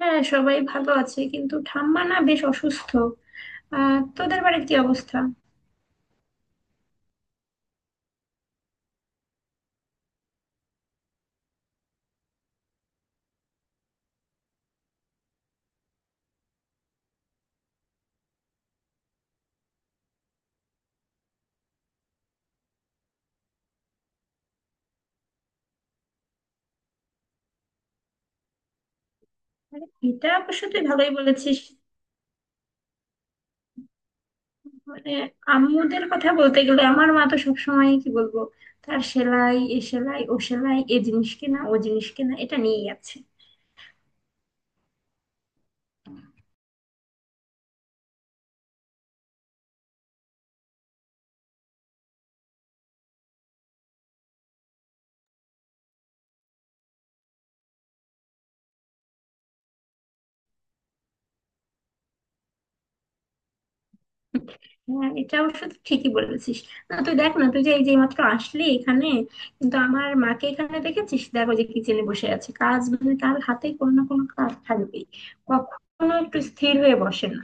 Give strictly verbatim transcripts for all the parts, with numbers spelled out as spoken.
হ্যাঁ, সবাই ভালো আছে, কিন্তু ঠাম্মা না বেশ অসুস্থ। আহ তোদের বাড়ির কি অবস্থা? মানে এটা অবশ্য তুই ভালোই বলেছিস। মানে আম্মুদের কথা বলতে গেলে আমার মা তো সবসময়, কি বলবো, তার সেলাই এ সেলাই ও সেলাই, এ জিনিস কেনা ও জিনিস কেনা, এটা নিয়েই আছে। হ্যাঁ, এটা অবশ্য তুই ঠিকই বলেছিস। না, তুই দেখ না, তুই যে এই যে মাত্র আসলি এখানে, কিন্তু আমার মাকে এখানে দেখেছিস, দেখো যে কিচেনে বসে আছে, কাজ মানে তার হাতে কোনো না কোনো কাজ থাকবেই। কখনো একটু স্থির হয়ে বসে না।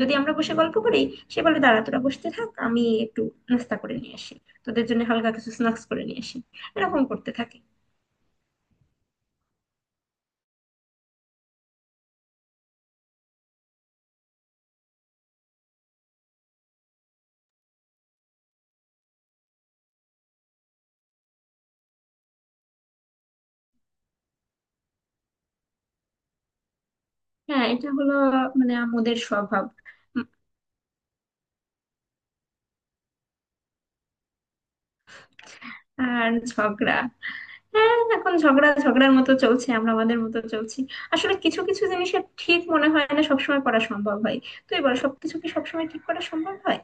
যদি আমরা বসে গল্প করি, সে বলে দাঁড়া তোরা বসতে থাক, আমি একটু নাস্তা করে নিয়ে আসি, তোদের জন্য হালকা কিছু স্ন্যাক্স করে নিয়ে আসি। এরকম করতে থাকে। হ্যাঁ, এটা হলো মানে আমাদের স্বভাব। উম, আর ঝগড়া, হ্যাঁ এখন ঝগড়া ঝগড়ার মতো চলছে, আমরা আমাদের মতো চলছি। আসলে কিছু কিছু জিনিসের ঠিক মনে হয় না সবসময় করা সম্ভব হয়। তুই বল, সবকিছু কি সবসময় ঠিক করা সম্ভব হয়?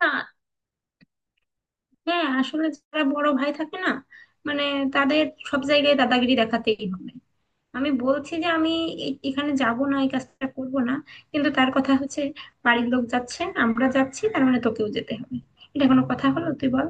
না। হ্যাঁ আসলে যারা বড় ভাই থাকে না, মানে তাদের সব জায়গায় দাদাগিরি দেখাতেই হবে। আমি বলছি যে আমি এ- এখানে যাব না, এই কাজটা করব না, কিন্তু তার কথা হচ্ছে বাড়ির লোক যাচ্ছে, আমরা যাচ্ছি, তার মানে তোকেও যেতে হবে। এটা কোনো কথা হলো, তুই বল?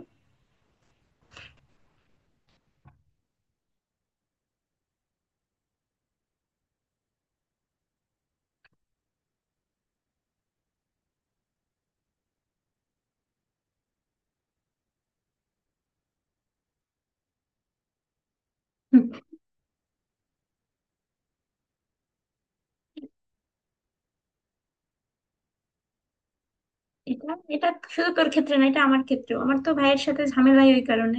এটা এটা শুধু তোর ক্ষেত্রে না, এটা আমার ক্ষেত্রেও। আমার তো ভাইয়ের সাথে ঝামেলাই ওই কারণে।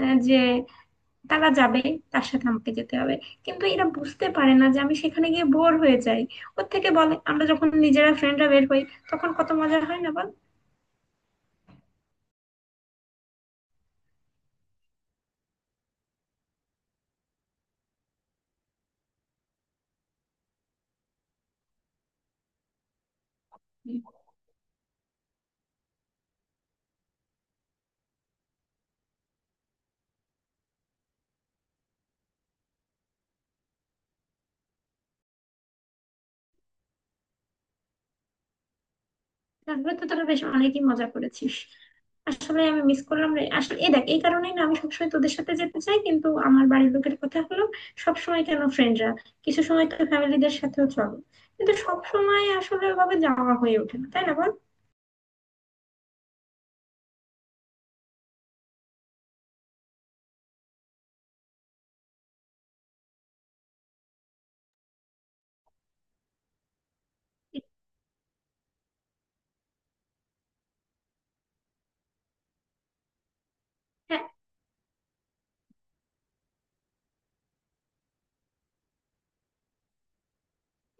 আহ, যে তারা যাবে, তার সাথে আমাকে যেতে হবে। কিন্তু এরা বুঝতে পারে না যে আমি সেখানে গিয়ে বোর হয়ে যাই। ওর থেকে বলে আমরা যখন নিজেরা ফ্রেন্ডরা বের হই, তখন কত মজা হয় না বল। তারপরে তো তোরা বেশ অনেকই মজা করেছিস। আসলে আমি মিস করলাম রে। আসলে এই দেখ, এই কারণেই না আমি সবসময় তোদের সাথে যেতে চাই, কিন্তু আমার বাড়ির লোকের কথা হলো সবসময় কেন ফ্রেন্ডরা, কিছু সময় তো ফ্যামিলিদের সাথেও চলো। কিন্তু সব সময় আসলে ওভাবে যাওয়া হয়ে ওঠে না, তাই না বল।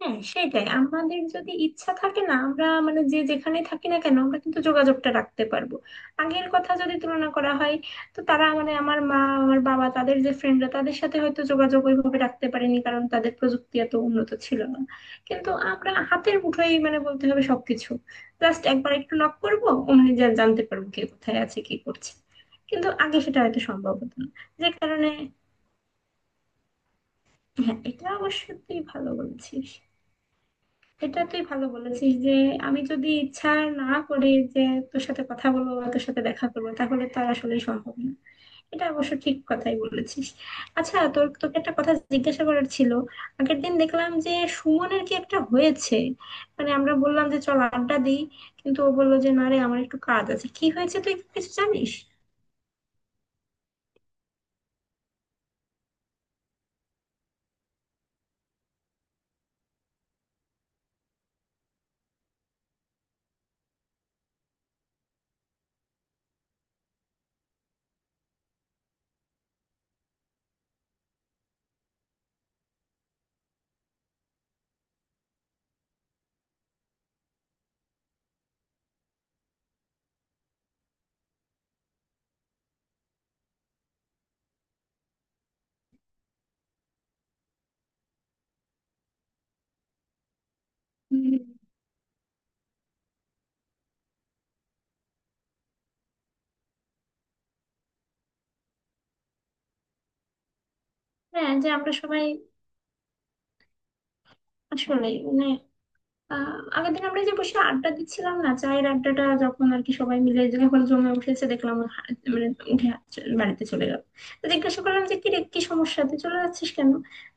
হ্যাঁ, সেটাই, আমাদের যদি ইচ্ছা থাকে না, আমরা মানে যে যেখানে থাকি না কেন, আমরা কিন্তু যোগাযোগটা রাখতে পারবো। আগের কথা যদি তুলনা করা হয়, তো তারা মানে আমার মা, আমার বাবা, তাদের যে ফ্রেন্ডরা, তাদের সাথে হয়তো যোগাযোগ ওইভাবে রাখতে পারেনি, কারণ তাদের প্রযুক্তি এত উন্নত ছিল না। কিন্তু আমরা হাতের মুঠোয় মানে বলতে হবে সবকিছু। জাস্ট একবার একটু নক করবো, অমনি যা জানতে পারবো কে কোথায় আছে, কি করছে। কিন্তু আগে সেটা হয়তো সম্ভব হতো না, যে কারণে। হ্যাঁ, এটা অবশ্যই তুই ভালো বলেছিস। এটা তুই ভালো বলেছিস যে আমি যদি ইচ্ছা না করি যে তোর সাথে কথা বলবো বা তোর সাথে দেখা করবো, তাহলে তো আর আসলেই সম্ভব না। এটা অবশ্য ঠিক কথাই বলেছিস। আচ্ছা, তোর তোকে একটা কথা জিজ্ঞাসা করার ছিল। আগের দিন দেখলাম যে সুমনের কি একটা হয়েছে। মানে আমরা বললাম যে চল আড্ডা দিই, কিন্তু ও বললো যে না রে আমার একটু কাজ আছে। কি হয়েছে, তুই কিছু জানিস? হুম, হ্যাঁ, যে আমরা সবাই আসলে মানে আহ আগের দিন আমরা যে বসে আড্ডা দিচ্ছিলাম না, চায়ের আড্ডাটা যখন আর কি সবাই মিলে যখন জমে উঠেছে, দেখলাম ও হা- মানে উঠে হা- চ- বাড়িতে চলে গেল। তো জিজ্ঞাসা করলাম যে কি রে কি সমস্যা, তুই চলে যাচ্ছিস কেন?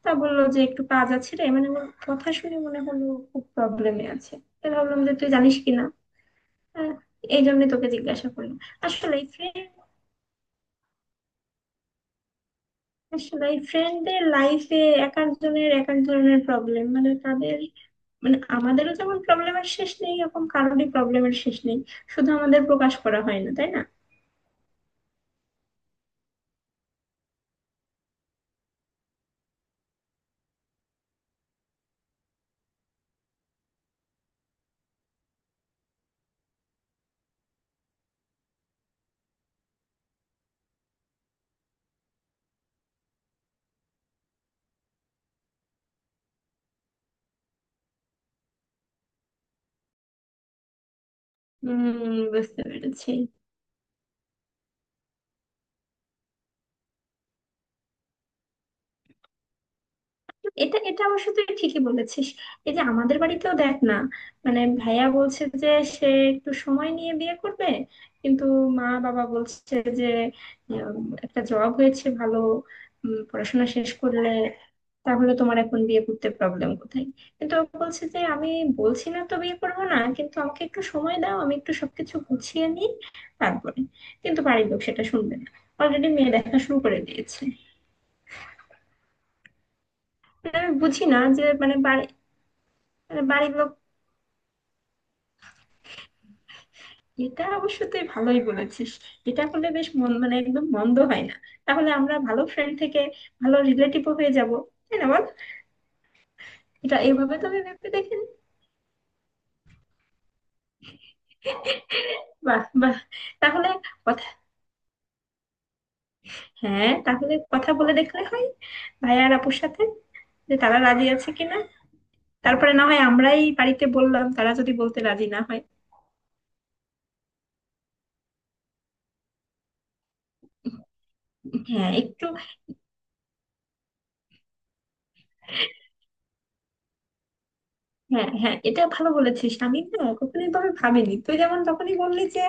তা বললো যে একটু কাজ আছে রে। মানে ওর কথা শুনে মনে হলো খুব প্রবলেমে আছে। তাই ভাবলাম যে তুই জানিস কিনা। আহ, এই জন্য তোকে জিজ্ঞাসা করলাম। আসলে ফ্রেন্ড আসলে ফ্রেন্ডদের লাইফে এক একজনের এক এক ধরনের প্রবলেম। মানে তাদের মানে আমাদেরও যেমন প্রবলেমের শেষ নেই, এরকম কারোরই প্রবলেমের শেষ নেই, শুধু আমাদের প্রকাশ করা হয় না, তাই না? উম বুঝতে পেরেছি। এটা এটা অবশ্য তুই ঠিকই বলেছিস। এই যে আমাদের বাড়িতেও দেখ না, মানে ভাইয়া বলছে যে সে একটু সময় নিয়ে বিয়ে করবে। কিন্তু মা বাবা বলছে যে উম, একটা জব হয়েছে ভালো, উম, পড়াশোনা শেষ করলে তাহলে তোমার এখন বিয়ে করতে প্রবলেম কোথায়। কিন্তু ও বলছে যে আমি বলছি না তো বিয়ে করবো না, কিন্তু আমাকে একটু সময় দাও, আমি একটু সবকিছু গুছিয়ে নিই তারপরে। কিন্তু বাড়ির লোক সেটা শুনবে না, অলরেডি মেয়ে দেখা শুরু করে দিয়েছে। মানে আমি বুঝি না যে মানে বাড়ি মানে বাড়ির লোক। এটা অবশ্য তুই ভালোই বলেছিস। এটা হলে বেশ মন মানে একদম মন্দ হয় না। তাহলে আমরা ভালো ফ্রেন্ড থেকে ভালো রিলেটিভও হয়ে যাব, তাই না বল। এটা এইভাবে তো আমি ভেবে দেখিনি। বাহ বাহ! তাহলে কথা হ্যাঁ তাহলে কথা বলে দেখলে হয় ভাই আর আপুর সাথে, যে তারা রাজি আছে কিনা। তারপরে না হয় আমরাই বাড়িতে বললাম, তারা যদি বলতে রাজি না হয়। হ্যাঁ একটু। হ্যাঁ হ্যাঁ, এটা ভালো বলেছিস। আমি না কখনো এভাবে ভাবিনি। তুই যেমন তখনই বললি যে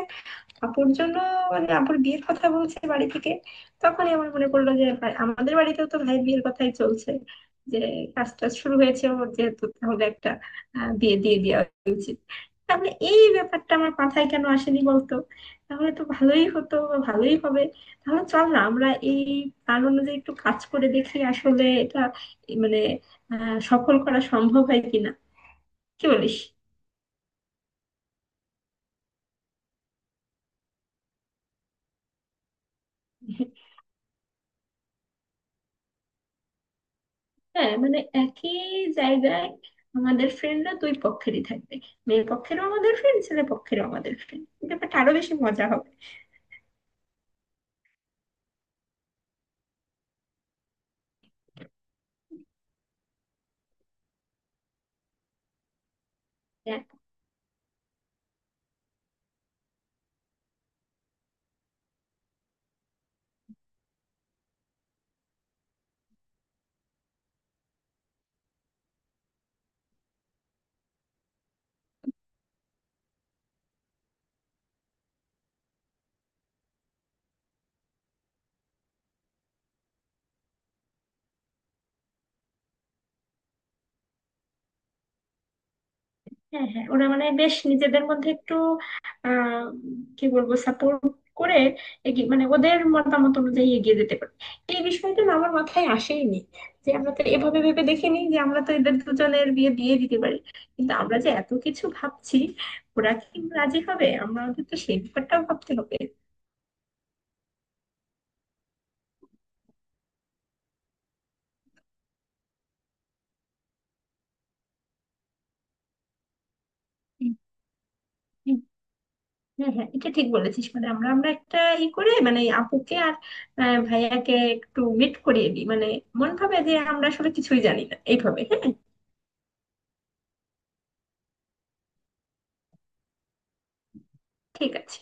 আপুর জন্য, মানে আপুর বিয়ের কথা বলছে বাড়ি থেকে, তখনই আমার মনে পড়লো যে ভাই আমাদের বাড়িতেও তো ভাই বিয়ের কথাই চলছে, যে কাজটা শুরু হয়েছে ওর যেহেতু, তাহলে একটা আহ, বিয়ে দিয়ে দেওয়া উচিত। তাহলে এই ব্যাপারটা আমার মাথায় কেন আসেনি বলতো। তাহলে তো ভালোই হতো বা ভালোই হবে। তাহলে চল না আমরা এই প্ল্যান অনুযায়ী একটু কাজ করে দেখি আসলে এটা মানে আহ সফল করা সম্ভব হয় কিনা। কি বলিস? হ্যাঁ মানে একই জায়গায় আমাদের ফ্রেন্ডরা দুই পক্ষেরই থাকবে। মেয়ে পক্ষেরও আমাদের ফ্রেন্ড, ছেলে পক্ষেরও আমাদের ফ্রেন্ড। ব্যাপারটা আরো বেশি মজা হবে। হ্যাঁ হ্যাঁ, হ্যাঁ, ওরা মানে বেশ নিজেদের মধ্যে একটু আহ কি বলবো, সাপোর্ট করে এগিয়ে মানে ওদের মতামত অনুযায়ী এগিয়ে যেতে পারে। এই বিষয়টা না আমার মাথায় আসেইনি, যে আমরা তো এভাবে ভেবে দেখিনি যে আমরা তো এদের দুজনের বিয়ে দিয়ে দিতে পারি। কিন্তু আমরা যে এত কিছু ভাবছি, ওরা কি রাজি হবে, আমরা ওদের তো সেই ব্যাপারটাও ভাবতে হবে। হ্যাঁ হ্যাঁ, এটা ঠিক বলেছিস। মানে আমরা আমরা একটা ই করে মানে এই আপুকে আর আহ, ভাইয়াকে একটু মিট করিয়ে দিই, মানে মন ভাবে যে আমরা আসলে কিছুই জানি না এইভাবে। হ্যাঁ, ঠিক আছে।